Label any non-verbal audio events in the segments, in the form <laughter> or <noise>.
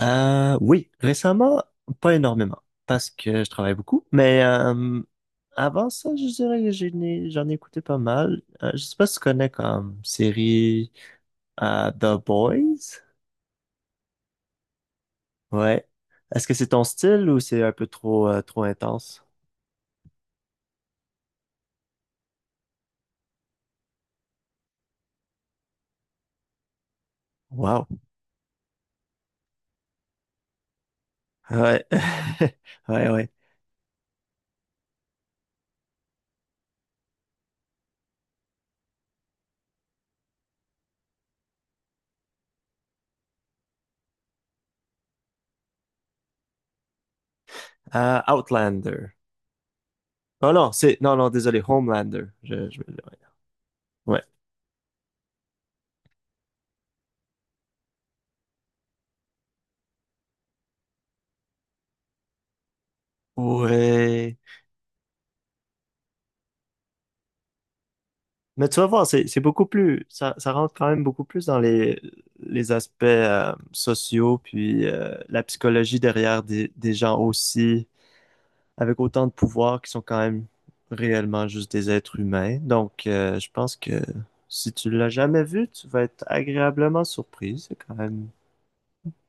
Oui, récemment, pas énormément, parce que je travaille beaucoup, mais avant ça, je dirais que j'en ai écouté pas mal. Je sais pas si tu connais comme série The Boys. Ouais. Est-ce que c'est ton style ou c'est un peu trop intense? Wow. Ouais. <laughs> Ouais, ouais. Outlander. Oh non, non, non, désolé, Homelander. Ouais. Ouais. Ouais. Mais tu vas voir, c'est beaucoup plus, ça rentre quand même beaucoup plus dans les aspects sociaux, puis la psychologie derrière des gens aussi, avec autant de pouvoir qui sont quand même réellement juste des êtres humains. Donc, je pense que si tu l'as jamais vu, tu vas être agréablement surpris. C'est quand même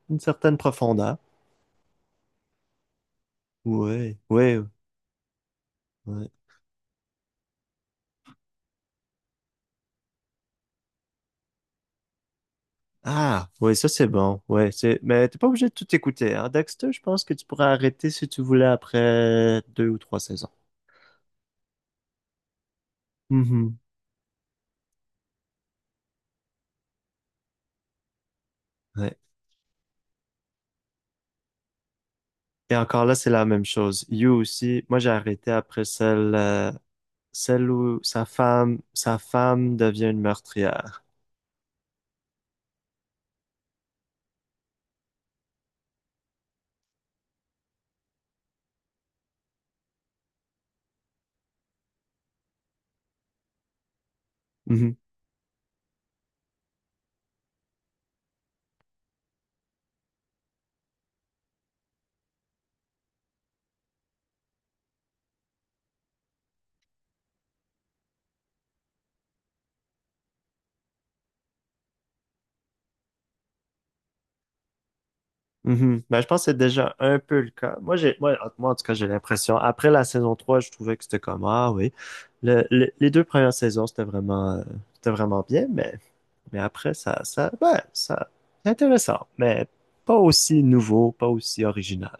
une certaine profondeur. Oui, oui, oui. Ah, oui, ça c'est bon. Ouais. Mais t'es pas obligé de tout écouter. Hein? Dexter, je pense que tu pourrais arrêter si tu voulais après deux ou trois saisons. Mhm. Ouais. Et encore là, c'est la même chose. You aussi, moi j'ai arrêté après celle où sa femme devient une meurtrière. Mhm. Mhm. Ben, je pense que c'est déjà un peu le cas. Moi, en tout cas, j'ai l'impression, après la saison 3 je trouvais que c'était comme, ah oui, les deux premières saisons, c'était vraiment bien, mais après, ouais, ça, c'est intéressant, mais pas aussi nouveau, pas aussi original.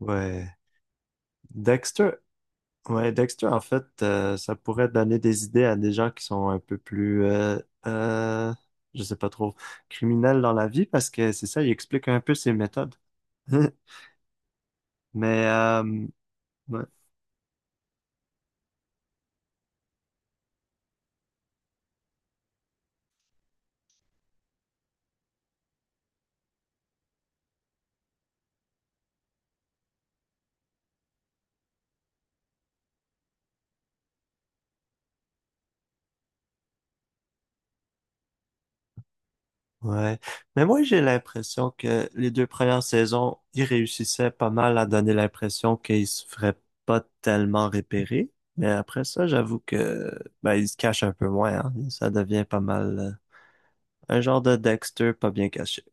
Ouais. Dexter, ouais, Dexter, en fait, ça pourrait donner des idées à des gens qui sont un peu plus, euh, je sais pas trop, criminels dans la vie, parce que c'est ça, il explique un peu ses méthodes. <laughs> Mais, ouais. Ouais. Mais moi, j'ai l'impression que les deux premières saisons, ils réussissaient pas mal à donner l'impression qu'ils se feraient pas tellement repérer. Mais après ça, j'avoue que, ben, ils se cachent un peu moins, hein. Ça devient pas mal, un genre de Dexter pas bien caché.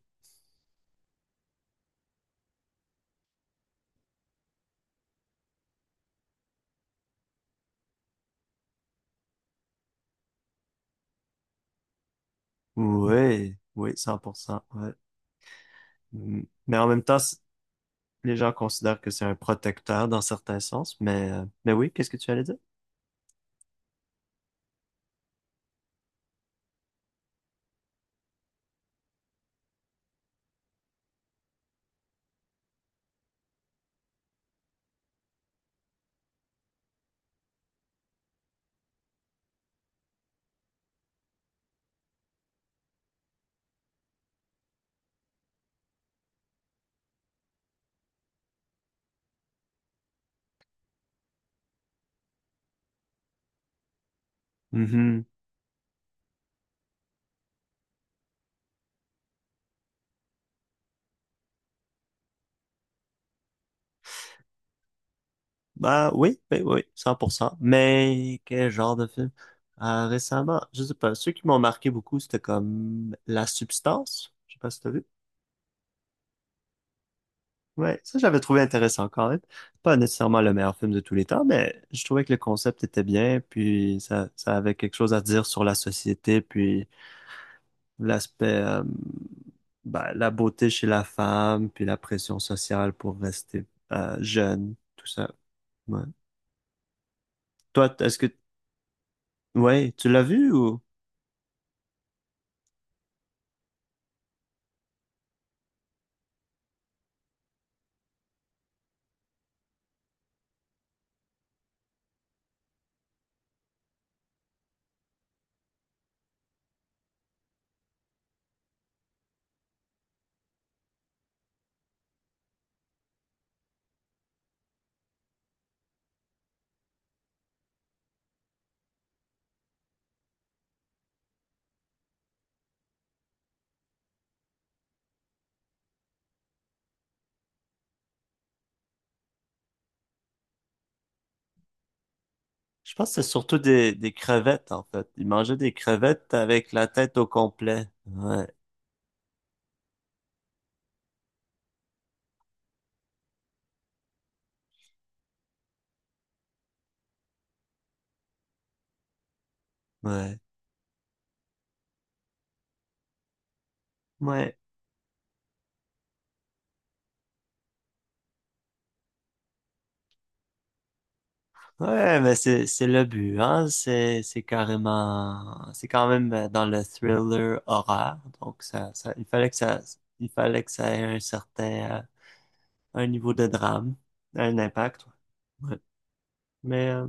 Oui, oui, 100%, ouais. Mm. Mais en même temps, les gens considèrent que c'est un protecteur dans certains sens. Mais oui, qu'est-ce que tu allais dire? Bah oui, oui, oui, 100%. Mais quel genre de film? Récemment, je sais pas, ceux qui m'ont marqué beaucoup, c'était comme La Substance. Je sais pas si t'as vu. Ouais, ça j'avais trouvé intéressant quand même. Pas nécessairement le meilleur film de tous les temps, mais je trouvais que le concept était bien, puis ça avait quelque chose à dire sur la société, puis l'aspect, bah, la beauté chez la femme, puis la pression sociale pour rester jeune, tout ça. Ouais. Toi, est-ce que, ouais, tu l'as vu ou? Je pense que c'est surtout des crevettes, en fait. Ils mangeaient des crevettes avec la tête au complet. Ouais, ouais, ouais. Ouais, mais c'est le but, hein. C'est carrément, c'est quand même dans le thriller horreur. Donc, il fallait que ça ait un certain, un niveau de drame, un impact. Ouais. Ouais. Mais,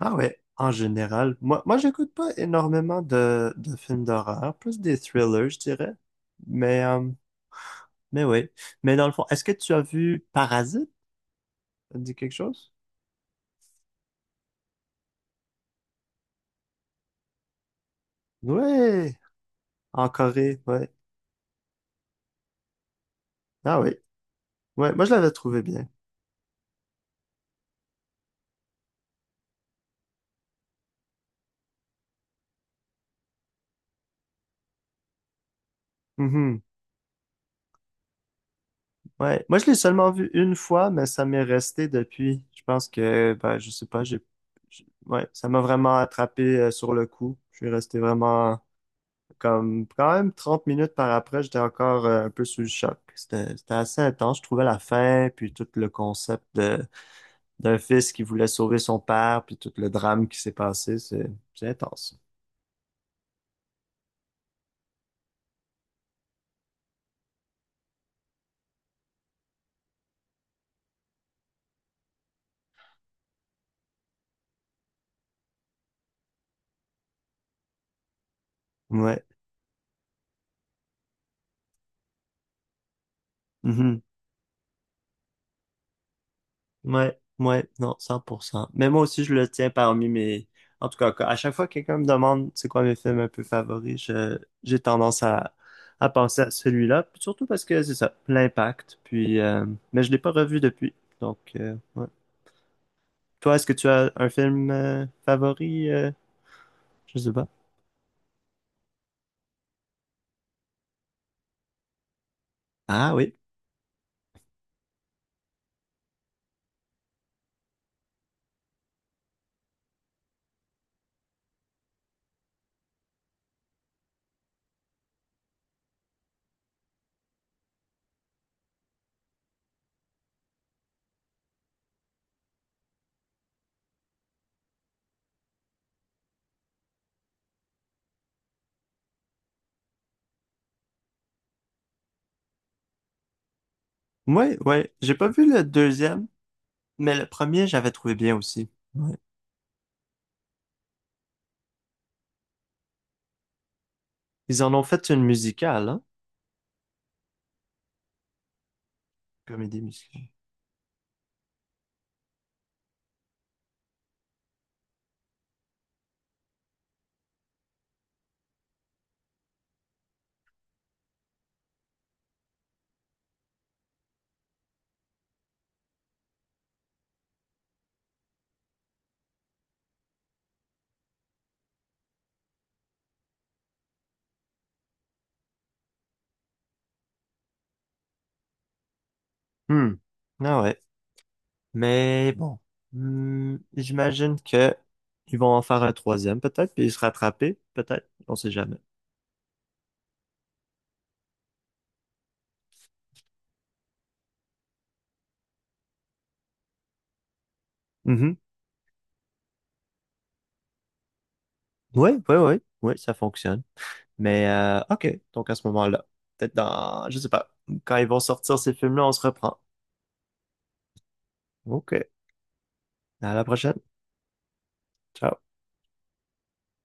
ah ouais, en général, moi, j'écoute pas énormément de films d'horreur, plus des thrillers, je dirais. Mais, euh, Mais oui. Mais dans le fond, est-ce que tu as vu Parasite? Ça te dit quelque chose? Ouais. En Corée, ouais. Ah oui. Ouais, moi je l'avais trouvé bien. Mhm. Ouais. Moi je l'ai seulement vu une fois, mais ça m'est resté depuis. Je pense que, ben, je sais pas, Ouais, ça m'a vraiment attrapé sur le coup. Je suis resté vraiment comme quand même 30 minutes par après, j'étais encore un peu sous le choc. C'était assez intense. Je trouvais la fin, puis tout le concept d'un fils qui voulait sauver son père, puis tout le drame qui s'est passé, c'est intense. Ouais. Mhm. Ouais, ouais, non, 100%. Mais moi aussi, je le tiens parmi mes. En tout cas, à chaque fois que quelqu'un me demande c'est quoi mes films un peu favoris, j'ai tendance à, penser à celui-là, puis surtout parce que c'est ça, l'impact. Mais je l'ai pas revu depuis, donc ouais. Toi, est-ce que tu as un film favori? Je sais pas. Ah oui. Ouais, ouais. J'ai pas vu le deuxième. Mais le premier, j'avais trouvé bien aussi. Ouais. Ils en ont fait une musicale, hein? Comédie musicale. Hmm. Ah ouais. Mais bon. J'imagine que ils vont en faire un troisième, peut-être, puis ils se rattraper, peut-être. On sait jamais. Mhm. Oui, oui, oui, ouais, ça fonctionne. Mais OK. Donc à ce moment-là, peut-être dans, je sais pas, quand ils vont sortir ces films-là, on se reprend. OK. À la prochaine. Ciao.